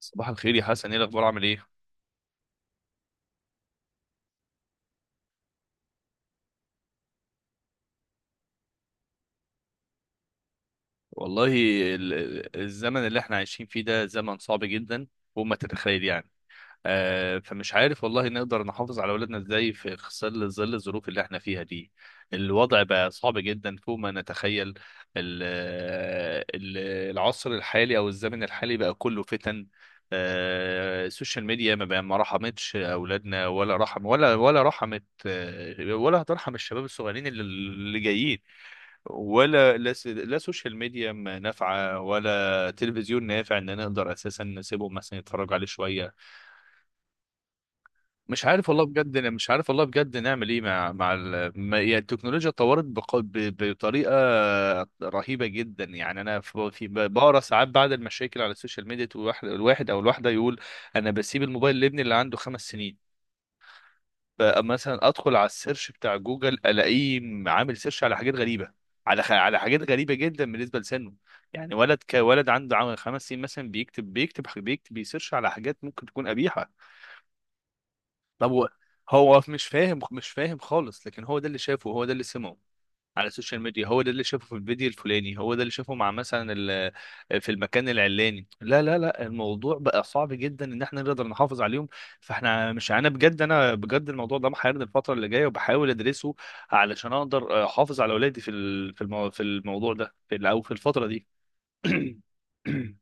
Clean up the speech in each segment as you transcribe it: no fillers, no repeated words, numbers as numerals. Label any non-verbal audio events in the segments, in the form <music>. صباح الخير يا حسن، ايه الاخبار؟ عامل ايه؟ والله الزمن اللي احنا عايشين فيه ده زمن صعب جدا. وما تتخيل يعني. فمش عارف والله نقدر نحافظ على اولادنا ازاي في ظل الظروف اللي احنا فيها دي. الوضع بقى صعب جدا فوق ما نتخيل. ال- ال- العصر الحالي او الزمن الحالي بقى كله فتن. السوشيال ميديا ما بقى ما رحمتش اولادنا ولا رحم ولا رحمت، ولا هترحم الشباب الصغيرين اللي جايين. ولا لا، لا سوشيال ميديا ما نافعة ولا تلفزيون نافع ان انا اقدر اساسا نسيبهم مثلا يتفرجوا عليه شوية. مش عارف والله بجد. أنا مش عارف والله بجد نعمل ايه مع ال... ما... يعني التكنولوجيا اتطورت بطريقة رهيبة جدا. يعني انا بقرا ساعات بعد المشاكل على السوشيال ميديا، الواحد او الواحدة يقول: انا بسيب الموبايل لابني اللي عنده 5 سنين. مثلا ادخل على السيرش بتاع جوجل الاقيه عامل سيرش على حاجات غريبه، على حاجات غريبه جدا بالنسبه لسنه. يعني ولد كولد عنده عام 5 سنين مثلا بيكتب بيسيرش على حاجات ممكن تكون قبيحه. طب هو مش فاهم خالص، لكن هو ده اللي شافه، هو ده اللي سمعه على السوشيال ميديا، هو ده اللي شافه في الفيديو الفلاني، هو ده اللي شافه مع مثلا في المكان العلاني. لا لا لا، الموضوع بقى صعب جدا ان احنا نقدر نحافظ عليهم. فاحنا مش انا بجد، الموضوع ده محيرني الفتره اللي جايه، وبحاول ادرسه علشان اقدر احافظ على اولادي في الموضوع ده في ال- او في الفتره دي. <coughs>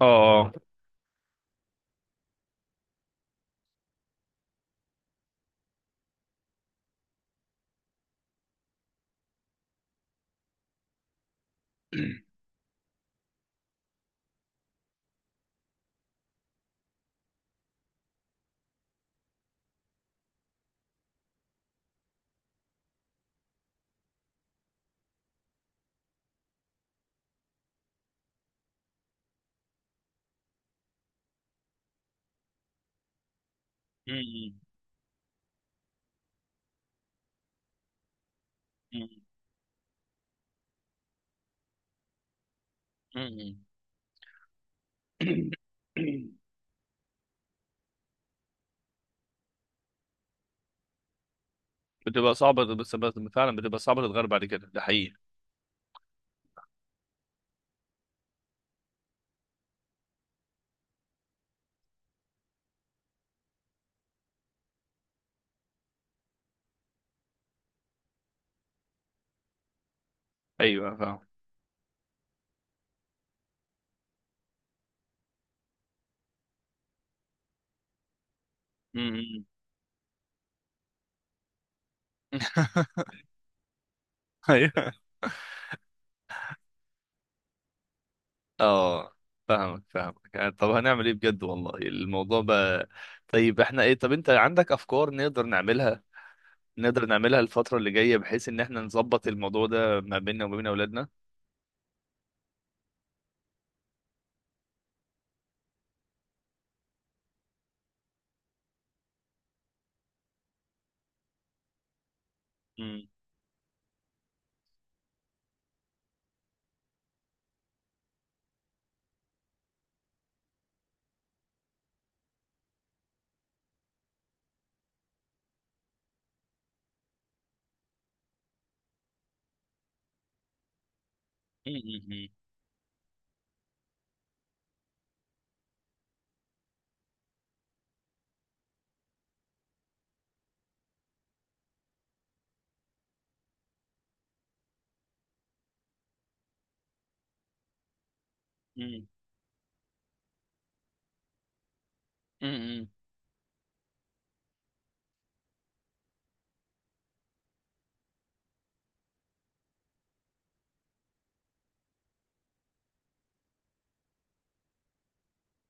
اه. <coughs> بتبقى صعبة، بس فعلا بتبقى صعبة، تتغير بعد كده، ده حقيقي. ايوه فاهم. <laughs> ايوه. اه، فاهمك يعني. طب هنعمل ايه بجد؟ والله الموضوع بقى... طيب احنا ايه؟ طب انت عندك افكار نقدر نعملها، نقدر نعملها الفترة اللي جاية بحيث ان احنا نظبط الموضوع ده ما بيننا وما بين اولادنا؟ مم. مم. مم. مم.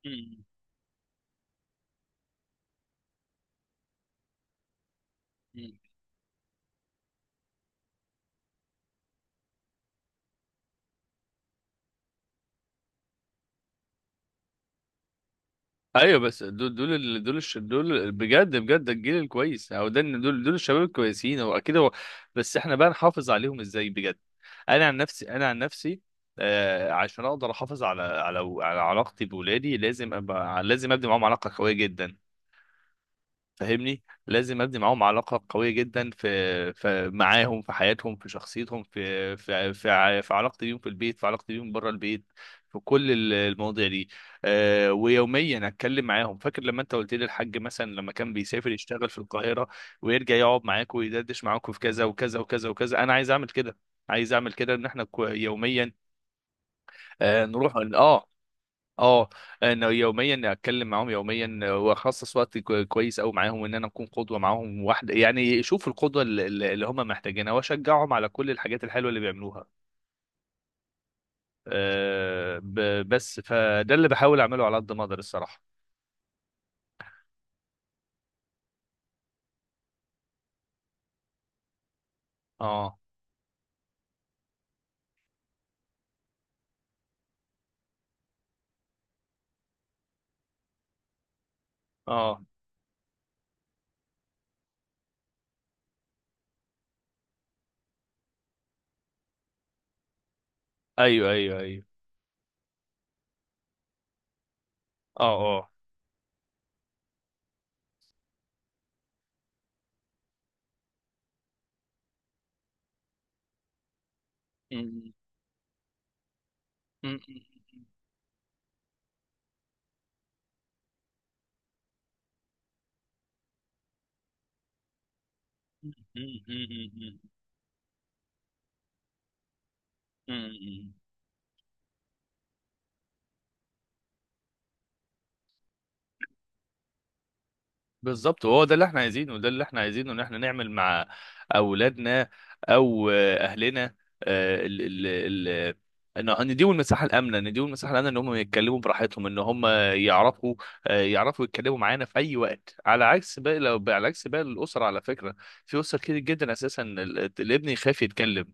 مم. مم. ايوه، بس دول دول ال- دول الش- دول بجد، الجيل الكويس او ده، إن دول الشباب الكويسين هو اكيد هو. بس احنا بقى نحافظ عليهم ازاي بجد؟ انا عن نفسي، عشان اقدر احافظ على علاقتي بولادي، لازم ابقى لازم ابني معاهم علاقه قويه جدا. فاهمني، لازم ابني معاهم علاقه قويه جدا في معاهم، في حياتهم، في شخصيتهم، في علاقتي بيهم في البيت، في علاقتي بيهم بره البيت، في كل المواضيع دي. أه، ويوميا اتكلم معاهم. فاكر لما انت قلت لي الحاج مثلا لما كان بيسافر يشتغل في القاهره، ويرجع يقعد معاك ويدردش معاك في كذا وكذا وكذا وكذا؟ انا عايز اعمل كده، عايز اعمل كده ان احنا يوميا نروح. اه، اه انه يوميا اتكلم معاهم يوميا، واخصص وقت كويس قوي معاهم، ان انا اكون قدوه معاهم واحده. يعني شوف القدوه اللي هم محتاجينها، واشجعهم على كل الحاجات الحلوه اللي بيعملوها. أه، بس فده اللي بحاول اعمله على قد ما اقدر الصراحه. اه، اه، ايوه ايوه ايوه، اه اه، بالظبط. وهو ده اللي احنا عايزينه، وده اللي احنا عايزينه ان احنا نعمل مع اولادنا او اهلنا. آه، ال ال ال ان إن نديهم المساحه الامنه، نديهم المساحه الامنه ان هم يتكلموا براحتهم، ان هم يعرفوا، يعرفوا يتكلموا معانا في اي وقت، على عكس باقي الاسر على فكره. في اسر كتير جدا اساسا الابن يخاف يتكلم،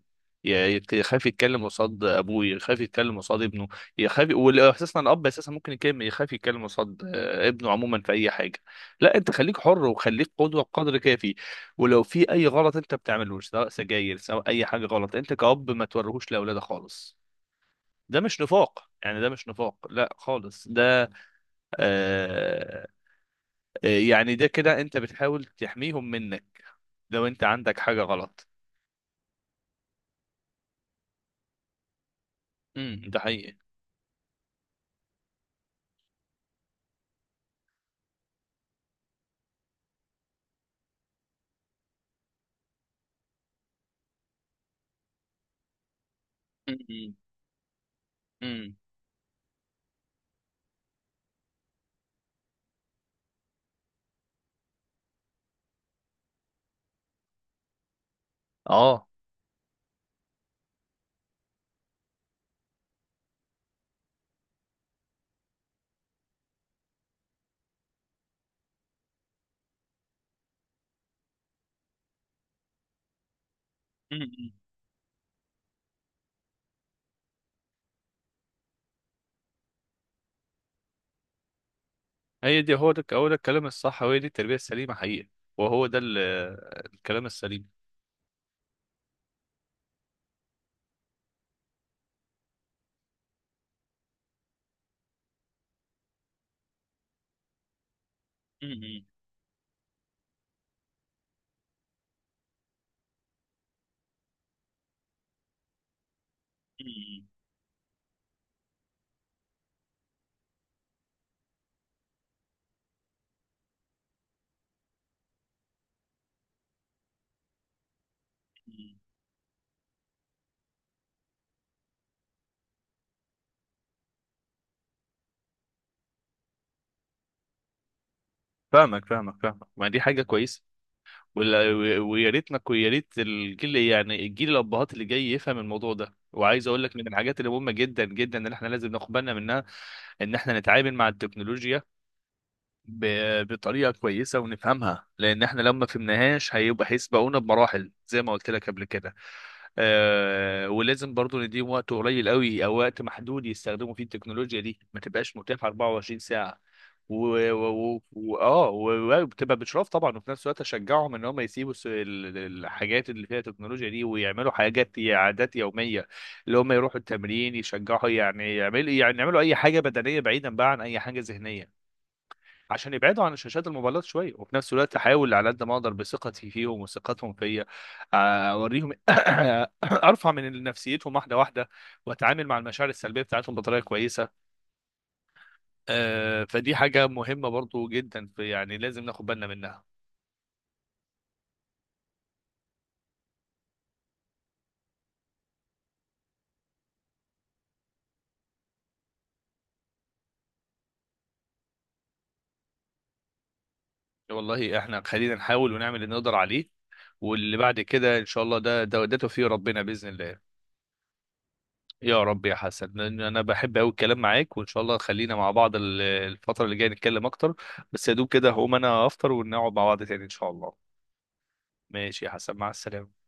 ي- يخاف يتكلم قصاد ابوه، يخاف يتكلم قصاد ابنه، يخاف. واساسا الاب اساسا ممكن يتكلم، يخاف يتكلم قصاد ابنه عموما في اي حاجه. لا انت خليك حر، وخليك قدوه بقدر كافي. ولو في اي غلط انت بتعملوش، سواء سجاير سواء اي حاجه غلط، انت كأب ما توريهوش لاولادك خالص. ده مش نفاق يعني، ده مش نفاق لا خالص ده. آه آه، يعني ده كده انت بتحاول تحميهم منك لو انت عندك حاجه غلط. امم. ده حقيقي. امم. امم. اه. امم. هي دي، هو ده الكلام الصح، وهي دي التربيه السليمه حقيقي. وهو ده الكلام السليم. امم. فاهمك ما دي حاجة كويسة. ولا- ويا ريتنا، ويا ريت الجيل يعني الجيل الأبهات اللي جاي يفهم الموضوع ده. وعايز أقول لك من الحاجات اللي مهمة جدا جدا اللي احنا لازم ناخد بالنا منها، إن احنا نتعامل مع التكنولوجيا بطريقه كويسه ونفهمها، لان احنا لو ما فهمناهاش هيبقى هيسبقونا بمراحل زي ما قلت لك قبل كده. آه، ولازم برضو نديهم وقت قليل قوي او وقت محدود يستخدموا فيه التكنولوجيا دي، ما تبقاش متاحه 24 ساعه و وبتبقى باشراف طبعا، وفي نفس الوقت اشجعهم ان هم يسيبوا الحاجات اللي فيها تكنولوجيا دي، ويعملوا حاجات عادات يوميه، اللي هم يروحوا التمرين، يشجعوا يعني يعملوا اي حاجه بدنيه بعيدا بقى عن اي حاجه ذهنيه، عشان يبعدوا عن شاشات الموبايلات شويه. وفي نفس الوقت احاول على قد ما اقدر بثقتي فيهم وثقتهم فيا، اوريهم <coughs> ارفع من نفسيتهم واحده واحده، واتعامل مع المشاعر السلبيه بتاعتهم بطريقه كويسه. فدي حاجه مهمه برضو جدا، في يعني لازم ناخد بالنا منها. والله احنا خلينا نحاول ونعمل اللي نقدر عليه، واللي بعد كده ان شاء الله ده توفيق ربنا باذن الله. يا رب يا حسن، لان انا بحب قوي الكلام معاك. وان شاء الله خلينا مع بعض الفتره اللي جايه نتكلم اكتر. بس يا دوب كده هقوم انا افطر ونقعد مع بعض تاني ان شاء الله. ماشي يا حسن، مع السلامه.